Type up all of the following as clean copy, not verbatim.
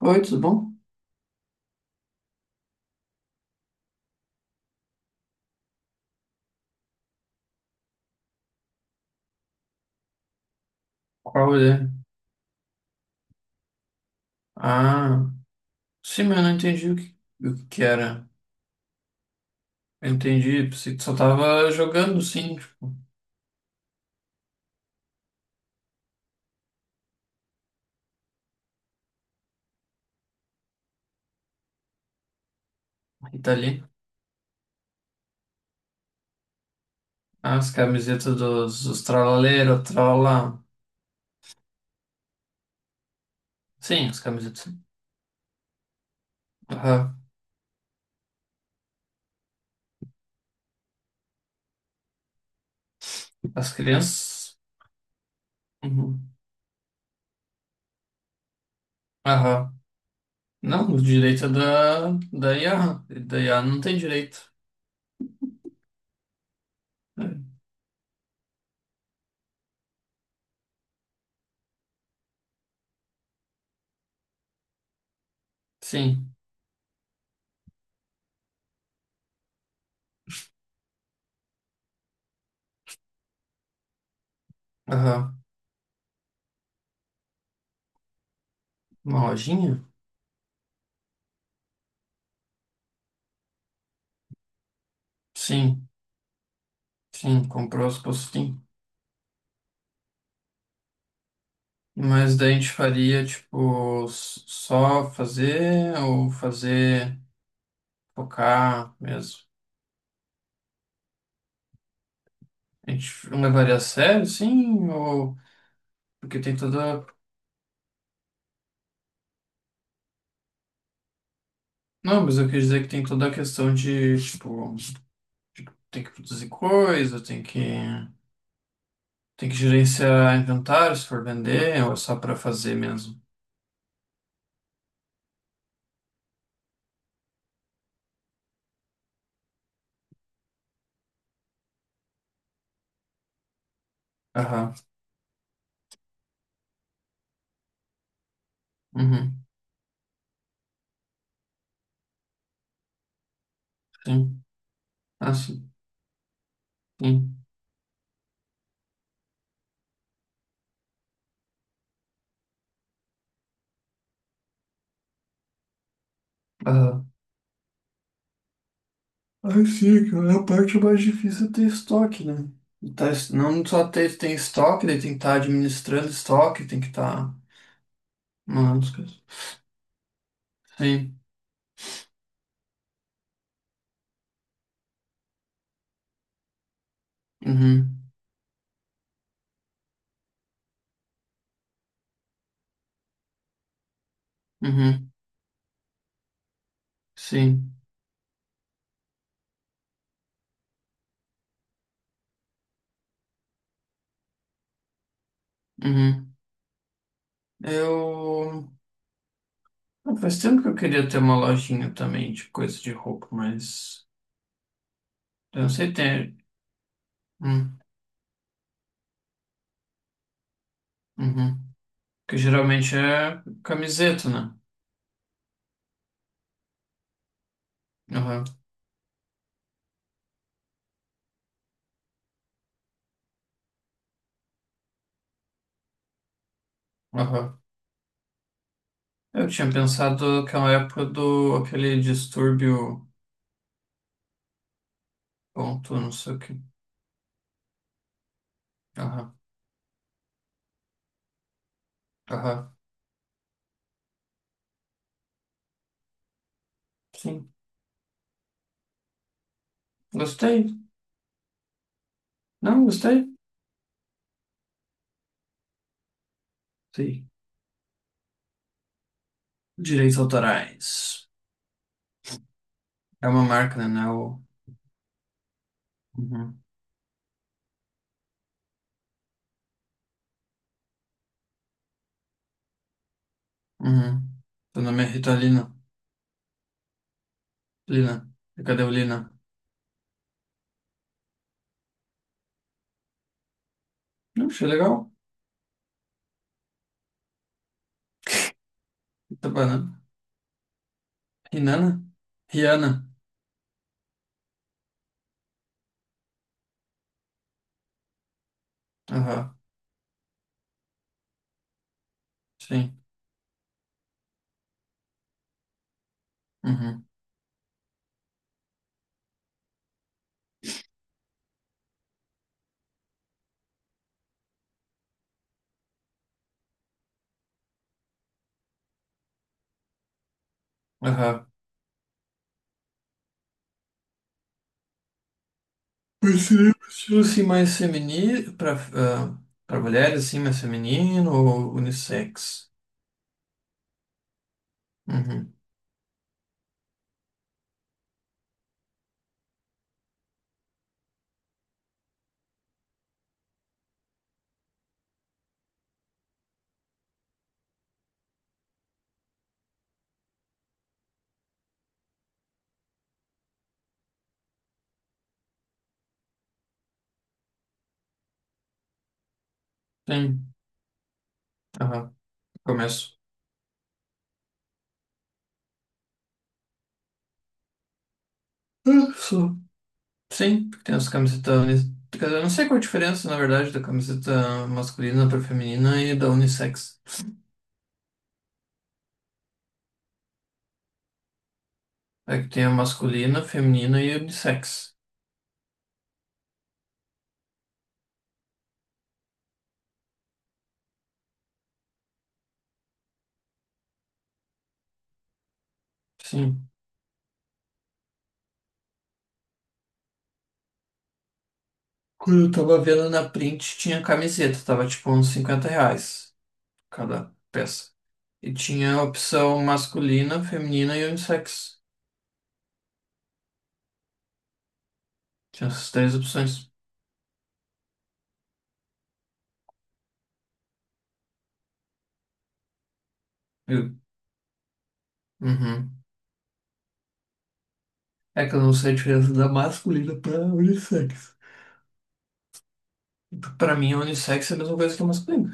Oi, tudo bom? Qual é? Ah, sim, mas eu não entendi o que era. Eu entendi, você só tava jogando, sim, tipo, e tá ali. Ah, as camisetas dos tralaleiros, tralala. Sim, as camisetas. Aham. As crianças? Uhum. Aham. Não, o direito é da IA. E da IA não tem direito. É. Sim. Aham. Uma lojinha? Sim. Sim, comprou as postinhas. Mas daí a gente faria, tipo, só fazer ou fazer focar mesmo? A gente não levaria a sério, sim? Ou porque tem toda. Não, mas eu quis dizer que tem toda a questão de, tipo, tem que produzir coisa, tem que gerenciar inventário se for vender, ou é só pra fazer mesmo. Aham. Uhum. Sim. Ah, sim. Sim. Aham. Ah, sim, cara, a parte mais difícil é ter estoque, né? E não só ter, tem estoque, daí tem que estar administrando estoque, tem que estar. Mano, esquece. Sim. Uhum. Uhum. Sim. Uhum. Eu. Ah, faz tempo que eu queria ter uma lojinha também de coisa de roupa, mas. Eu não sei ter. Hum, Uhum. Porque geralmente é camiseta, né? Aham. Aham. Eu tinha pensado naquela época do aquele distúrbio ponto, não sei o que. Aham. Sim. Gostei. Não, gostei. Sim. Direitos autorais. É uma marca, né? Não é Uhum. Uhum. Seu nome é Rita Lina. Lina. Cadê o Lina? Não, achei legal. Rita Banana. Rinana? Rihanna. Aham. Sim. Uhum. Aham. Esse livro é um estilo assim mais feminino para mulheres assim mais feminino ou unissex? Uhum. Sim. Aham. Começo. Ah, só. Sim, porque tem as camisetas. Quer dizer, eu não sei qual a diferença, na verdade, da camiseta masculina para feminina e da unissex. É que tem a masculina, feminina e unissex. Sim. Quando eu tava vendo na print, tinha camiseta, tava tipo uns 50 reais cada peça. E tinha a opção masculina, feminina e unissex. Tinha essas três opções. Eu- Uhum. É que eu não sei a diferença da masculina pra unissex. Pra mim, a unissex é a mesma coisa que a masculina.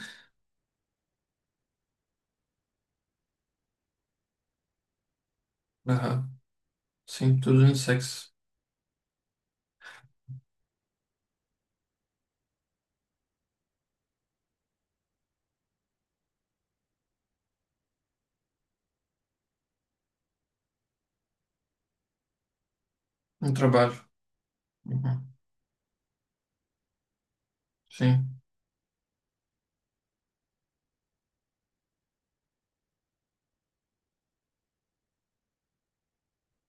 Aham. Sim, tudo no sexo. No trabalho. Uhum. Sim.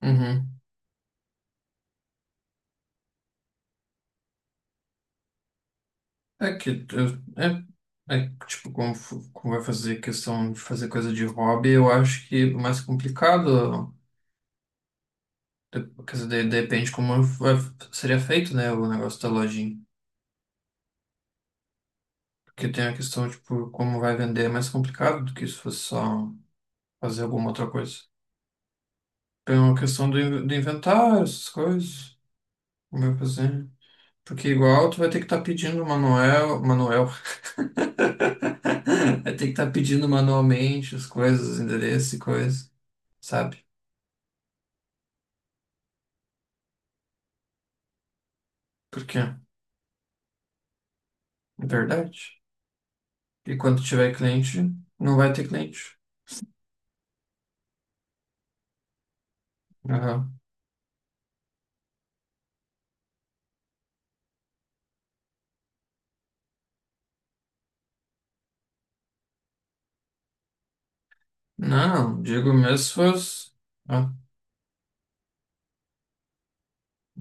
Uhum. É que eu- é, tipo, como vai fazer questão de fazer coisa de hobby, eu acho que o mais complicado, quer dizer, depende seria feito, né, o negócio da lojinha. Porque tem a questão, tipo, como vai vender é mais complicado do que se fosse só fazer alguma outra coisa. Tem uma questão do inventário, essas coisas, como vai fazer. Porque igual tu vai ter que estar pedindo manuel, manuel. Vai ter que estar pedindo manualmente as coisas, os endereços e coisas, sabe? Porque é verdade. E quando tiver cliente, não vai ter cliente. Aham. Não, não, digo mesmo se fosse. Ah,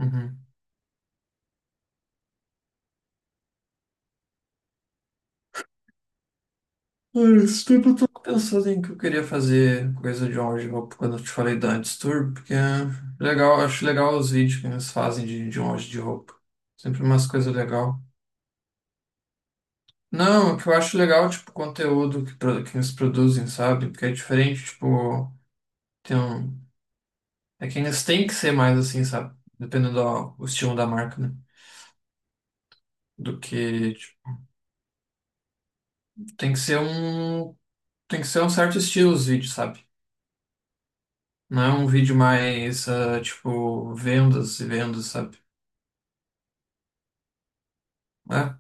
uhum. Olha, esse tempo eu tô pensando em que eu queria fazer coisa de on roupa quando eu te falei da Antes Tour, porque é legal, acho legal os vídeos que eles fazem de on de roupa. Sempre umas coisas legais. Não, o que eu acho legal, tipo, o conteúdo que eles produzem, sabe? Porque é diferente, tipo, tem um... É que eles têm que ser mais assim, sabe? Dependendo do o estilo da marca, né? Do que, tipo, tem que ser um... Tem que ser um certo estilo os vídeos, sabe? Não é um vídeo mais, ah, tipo, vendas e vendas, sabe? Né?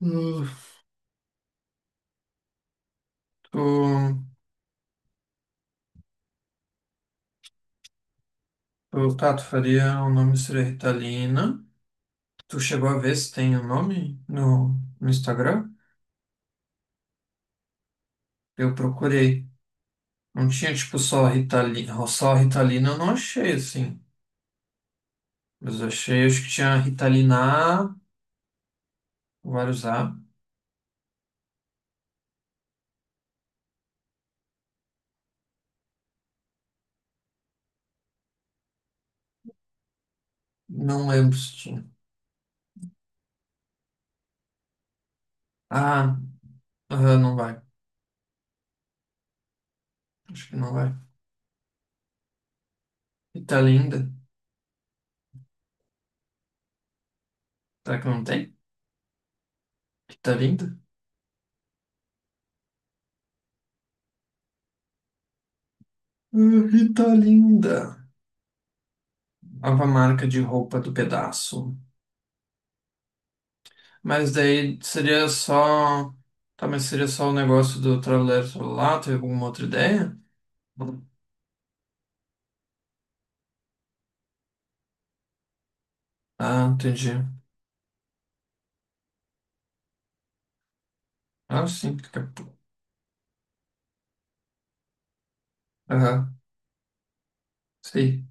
Hum, Tu, tu faria o nome seria Ritalina. Tu chegou a ver se tem o nome no Instagram? Eu procurei. Não tinha, tipo, só Ritalina eu não achei, assim. Mas eu achei, acho que tinha Ritalina A, vários A. Não lembro se tinha. Ah, aham, não vai. Acho que não vai. Ritalinda. Será que não tem? Ritalinda? Ah, Ritalinda. Nova marca de roupa do pedaço. Mas daí seria só... Tá, mas seria só o negócio do trabalhador celular? Teve alguma outra ideia? Ah, entendi. Ah, sim. Daqui a pouco. Aham, sei.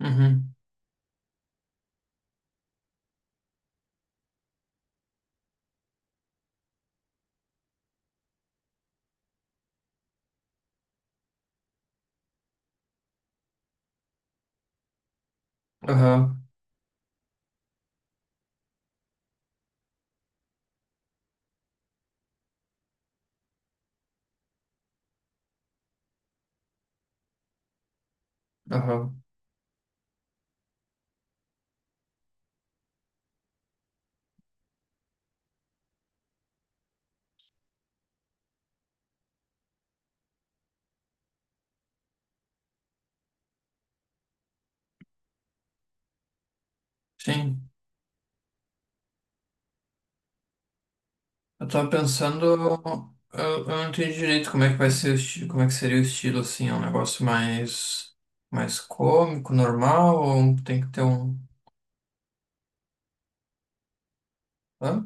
Uhum. Aham, aham. Sim. Eu tava pensando, eu não entendi direito como é que vai ser o estilo, como é que seria o estilo assim, é um negócio mais cômico, normal, ou tem que ter um. Hã?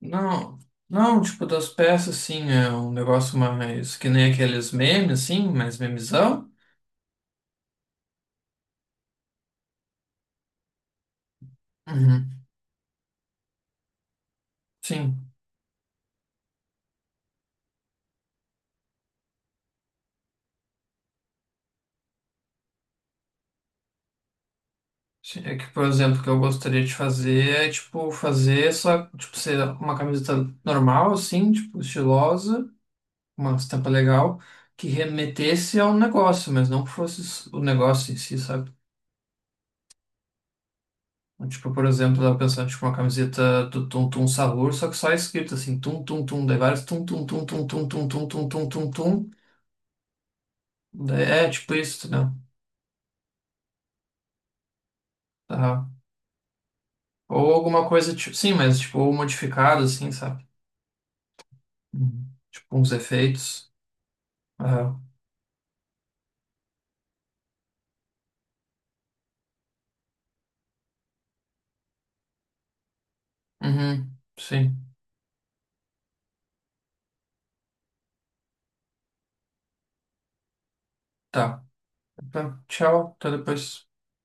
Não, não, tipo das peças assim, é um negócio mais que nem aqueles memes, assim, mais memezão. Uhum. Sim. Sim, é que, por exemplo, o que eu gostaria de fazer é, tipo, fazer só, tipo, ser uma camiseta normal, assim, tipo, estilosa. Uma estampa legal que remetesse ao negócio, mas não que fosse o negócio em si, sabe? Então, tipo, por exemplo, eu tava pensando, tipo, uma camiseta do Tum Tum Sahur, só que só escrito assim, Tum Tum Tum, daí vários Tum Tum Tum Tum Tum Tum Tum Tum Tum Tum Tum, daí é tipo isso, né? Tá. Ou alguma coisa, tipo, sim, mas tipo, ou modificado, assim, sabe? Uhum. Tipo, uns efeitos. Aham. Uhum. Sim, tá. Tá, tchau, até depois.